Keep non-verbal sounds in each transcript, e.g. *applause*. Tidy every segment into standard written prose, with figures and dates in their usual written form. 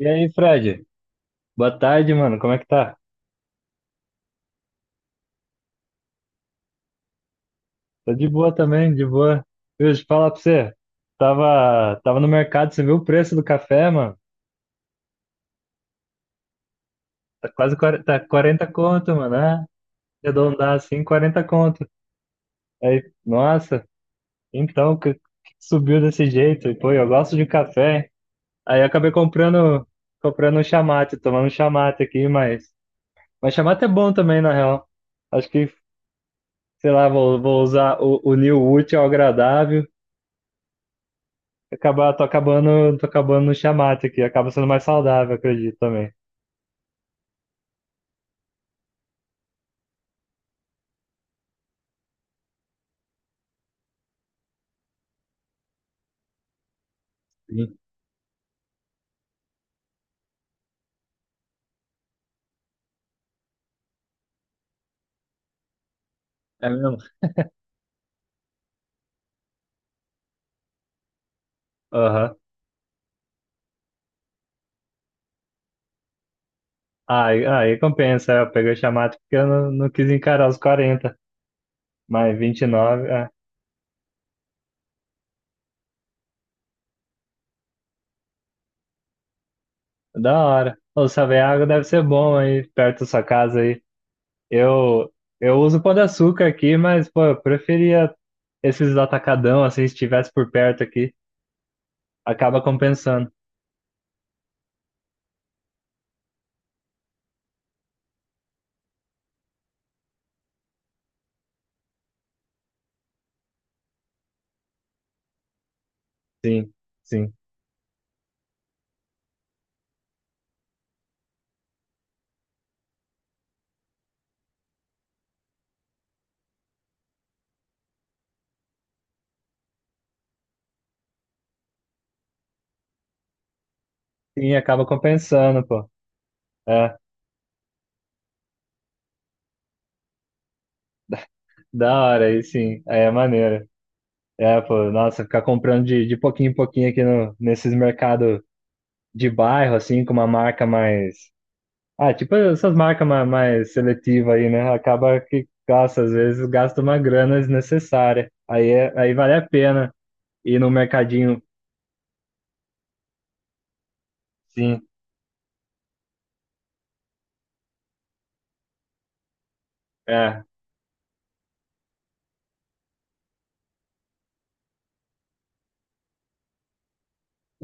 E aí, Fred? Boa tarde, mano. Como é que tá? Tô de boa também, de boa. Viu, deixa eu falar pra você. Tava no mercado, você viu o preço do café, mano? Tá quase quarenta, tá 40 conto, mano. Ah, arredondar assim, 40 conto. Aí, nossa, então, que subiu desse jeito? E, pô, eu gosto de café, hein? Aí eu acabei comprando um chamate, tomando um chamate aqui, mas... Mas chamate é bom também, na real. Acho que, sei lá, vou usar o unir o útil ao agradável. Acabar, tô acabando no chamate aqui, acaba sendo mais saudável, acredito também. Sim, é mesmo. Aham. Aí, aí compensa, eu peguei o chamate porque eu não quis encarar os quarenta, mas 29, é, da hora. O água deve ser bom aí, perto da sua casa aí. Eu, eu uso pão de açúcar aqui, mas, pô, eu preferia esses atacadão, assim, se estivesse por perto aqui, acaba compensando. Sim, sim. Sim, acaba compensando, pô. É, da hora aí, sim. Aí é maneiro. É, pô, nossa, ficar comprando de pouquinho em pouquinho aqui no, nesses mercados de bairro, assim, com uma marca mais. Ah, tipo essas marcas mais, mais seletivas aí, né? Acaba que, nossa, às vezes gasta uma grana desnecessária. Aí, é, aí vale a pena ir no mercadinho, sim. É,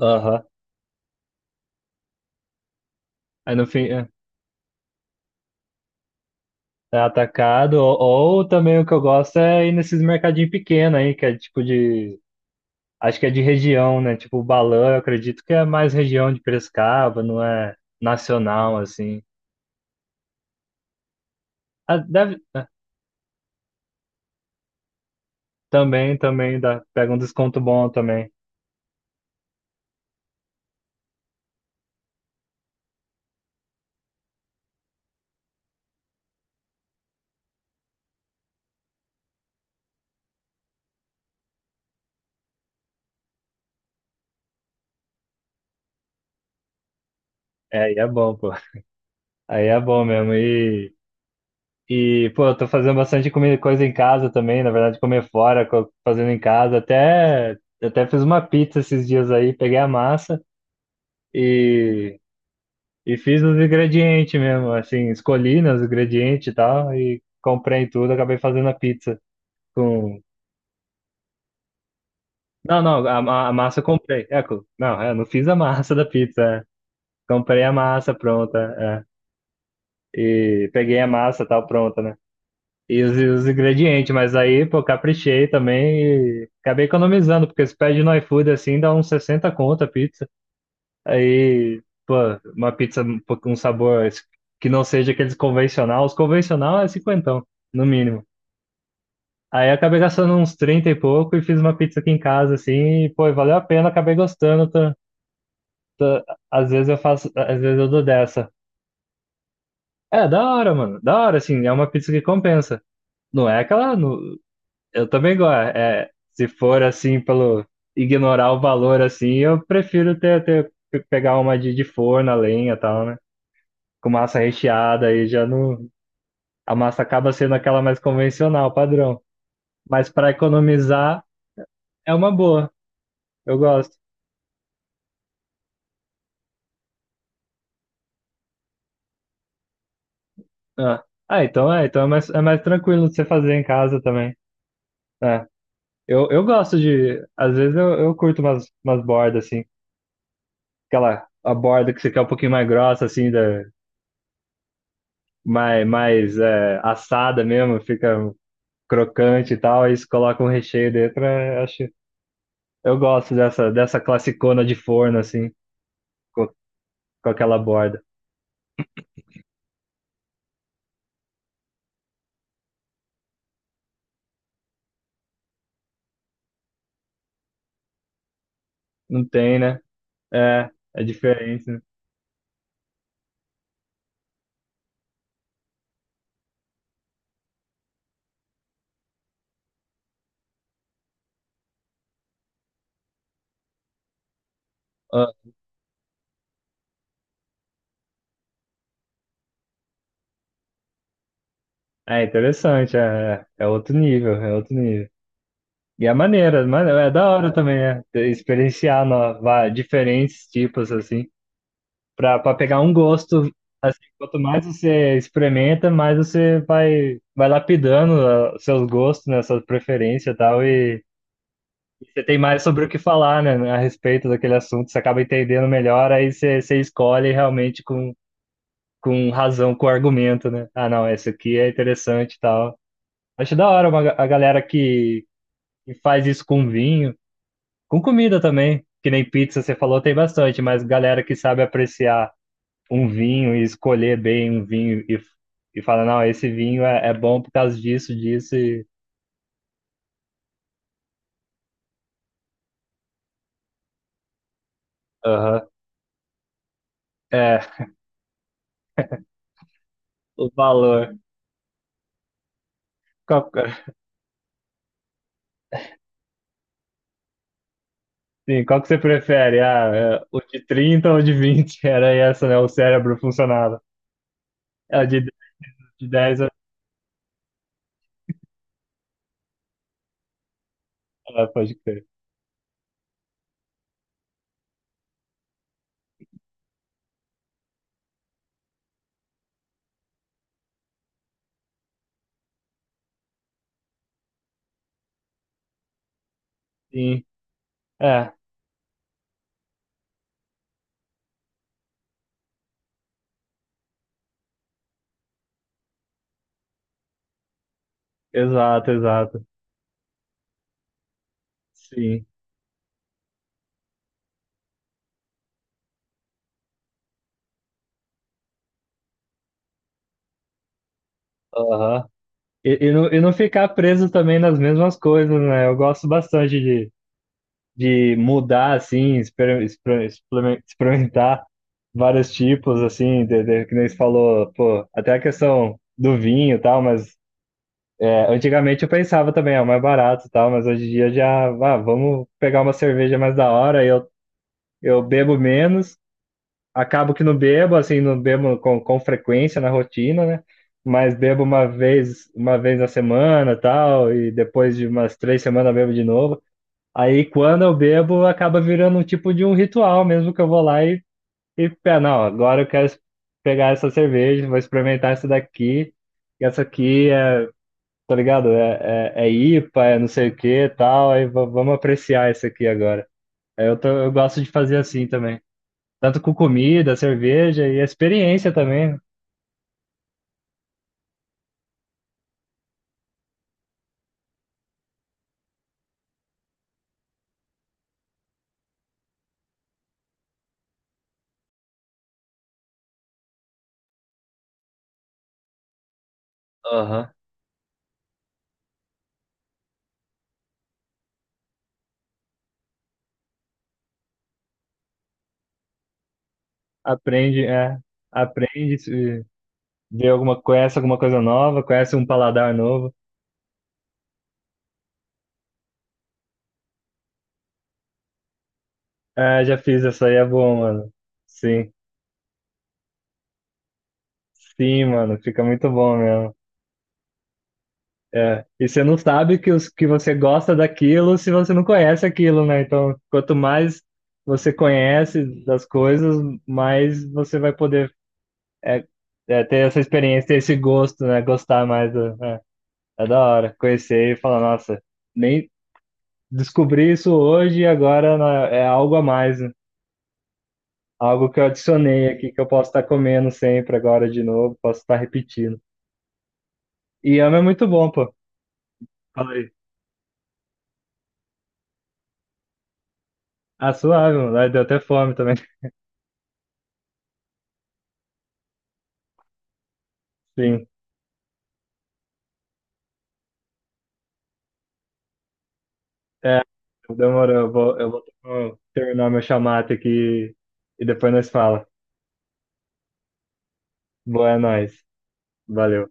aham. Aí no fim, é, é atacado. Ou também o que eu gosto é ir nesses mercadinhos pequenos aí, que é tipo de. Acho que é de região, né? Tipo, o balão, eu acredito que é mais região de Piracicaba, não é nacional, assim. Ah, deve, também, também, dá, pega um desconto bom também. É, aí é bom, pô. Aí é bom mesmo. E pô, eu tô fazendo bastante comida, coisa em casa também, na verdade, comer fora, co- fazendo em casa. Até, até fiz uma pizza esses dias aí, peguei a massa e, e fiz os ingredientes mesmo, assim, escolhi, né, os ingredientes e tal, e comprei tudo, acabei fazendo a pizza com não, não, a, ma- a massa eu comprei. É, co- não, é, eu não fiz a massa da pizza, é. Comprei a massa pronta, é. E peguei a massa tal pronta, né? E os ingredientes, mas aí, pô, caprichei também e acabei economizando, porque se pede no iFood assim, dá uns 60 conto a pizza. Aí, pô, uma pizza um pouco- com um sabor que não seja aqueles convencional. Os convencional é 50, no mínimo. Aí acabei gastando uns 30 e pouco e fiz uma pizza aqui em casa, assim, e, pô, valeu a pena, acabei gostando. Às vezes eu faço, às vezes eu dou dessa. É, da hora, mano. Da hora, assim, é uma pizza que compensa. Não é aquela, no- eu também gosto. É, é, se for assim, pelo ignorar o valor, assim, eu prefiro ter, ter pe- pegar uma de forno, a lenha e tal, né? Com massa recheada, aí já não. A massa acaba sendo aquela mais convencional, padrão. Mas para economizar, é uma boa. Eu gosto. Ah, ah, então é mais tranquilo de você fazer em casa também. É. Eu gosto de. Às vezes eu curto umas, umas bordas, assim. Aquela a borda que você quer um pouquinho mais grossa, assim, da, mais, mais é, assada mesmo, fica crocante e tal. Aí você coloca um recheio dentro. É, acho, eu gosto dessa, dessa classicona de forno, assim, com, com aquela borda. Não tem, né? É, é diferente, né? Ah, é interessante, é, é é outro nível, é outro nível. E é maneira, mano, é da hora também, é, ter- experienciar no, va- diferentes tipos, assim. Pra, pra pegar um gosto, assim, quanto mais você experimenta, mais você vai, vai lapidando ah, os seus gostos, né, suas preferências e tal, e você tem mais sobre o que falar, né, a respeito daquele assunto, você acaba entendendo melhor, aí você, você escolhe realmente com razão, com argumento, né? Ah, não, esse aqui é interessante e tal. Acho da hora uma, ga- a galera que faz isso com vinho, com comida também, que nem pizza você falou, tem bastante, mas galera que sabe apreciar um vinho e escolher bem um vinho e falar, não, esse vinho é, é bom por causa disso, disso e. Aham. É, o valor. Qual, sim, qual que você prefere? Ah, é, o de 30 ou o de vinte? *laughs* Era essa, né? O cérebro funcionava. É, o de dez é, pode crer. Sim, é, exato, exato. Sim, aham. E não ficar preso também nas mesmas coisas, né? Eu gosto bastante de mudar, assim, experimentar vários tipos, assim, de, que nem você falou, pô, até a questão do vinho e tal, mas é, antigamente eu pensava também, é o mais barato e tal, mas hoje em dia já, ah, vamos pegar uma cerveja mais da hora, eu bebo menos, acabo que não bebo, assim, não bebo com frequência na rotina, né? Mas bebo uma vez na semana, tal, e depois de umas 3 semanas bebo de novo. Aí quando eu bebo, acaba virando um tipo de um ritual mesmo que eu vou lá e pé, não, agora eu quero es- pegar essa cerveja, vou experimentar essa daqui, e essa aqui é, tá ligado? É, é, é IPA, é não sei o que e tal, aí va- vamos apreciar esse aqui agora. Aí eu, tô- eu gosto de fazer assim também. Tanto com comida, cerveja e a experiência também, né? Aham. Aprende, é, aprende, se- vê alguma, conhece alguma coisa nova, conhece um paladar novo. É, já fiz essa aí, é bom, mano. Sim. Sim, mano, fica muito bom mesmo. É. E você não sabe que, os, que você gosta daquilo se você não conhece aquilo, né? Então, quanto mais você conhece das coisas, mais você vai poder é, é, ter essa experiência, ter esse gosto, né? Gostar mais. Do- é, é da hora. Conhecer e falar, nossa, nem descobri isso hoje e agora, né, é algo a mais, né? Algo que eu adicionei aqui, que eu posso estar comendo sempre agora de novo, posso estar repetindo. E ama é muito bom, pô. Fala aí. Ah, suave, mano. Ai, deu até fome também. *laughs* Sim. É, demorou. Eu vou terminar meu chamate aqui e depois nós fala. Boa, é nóis. Valeu.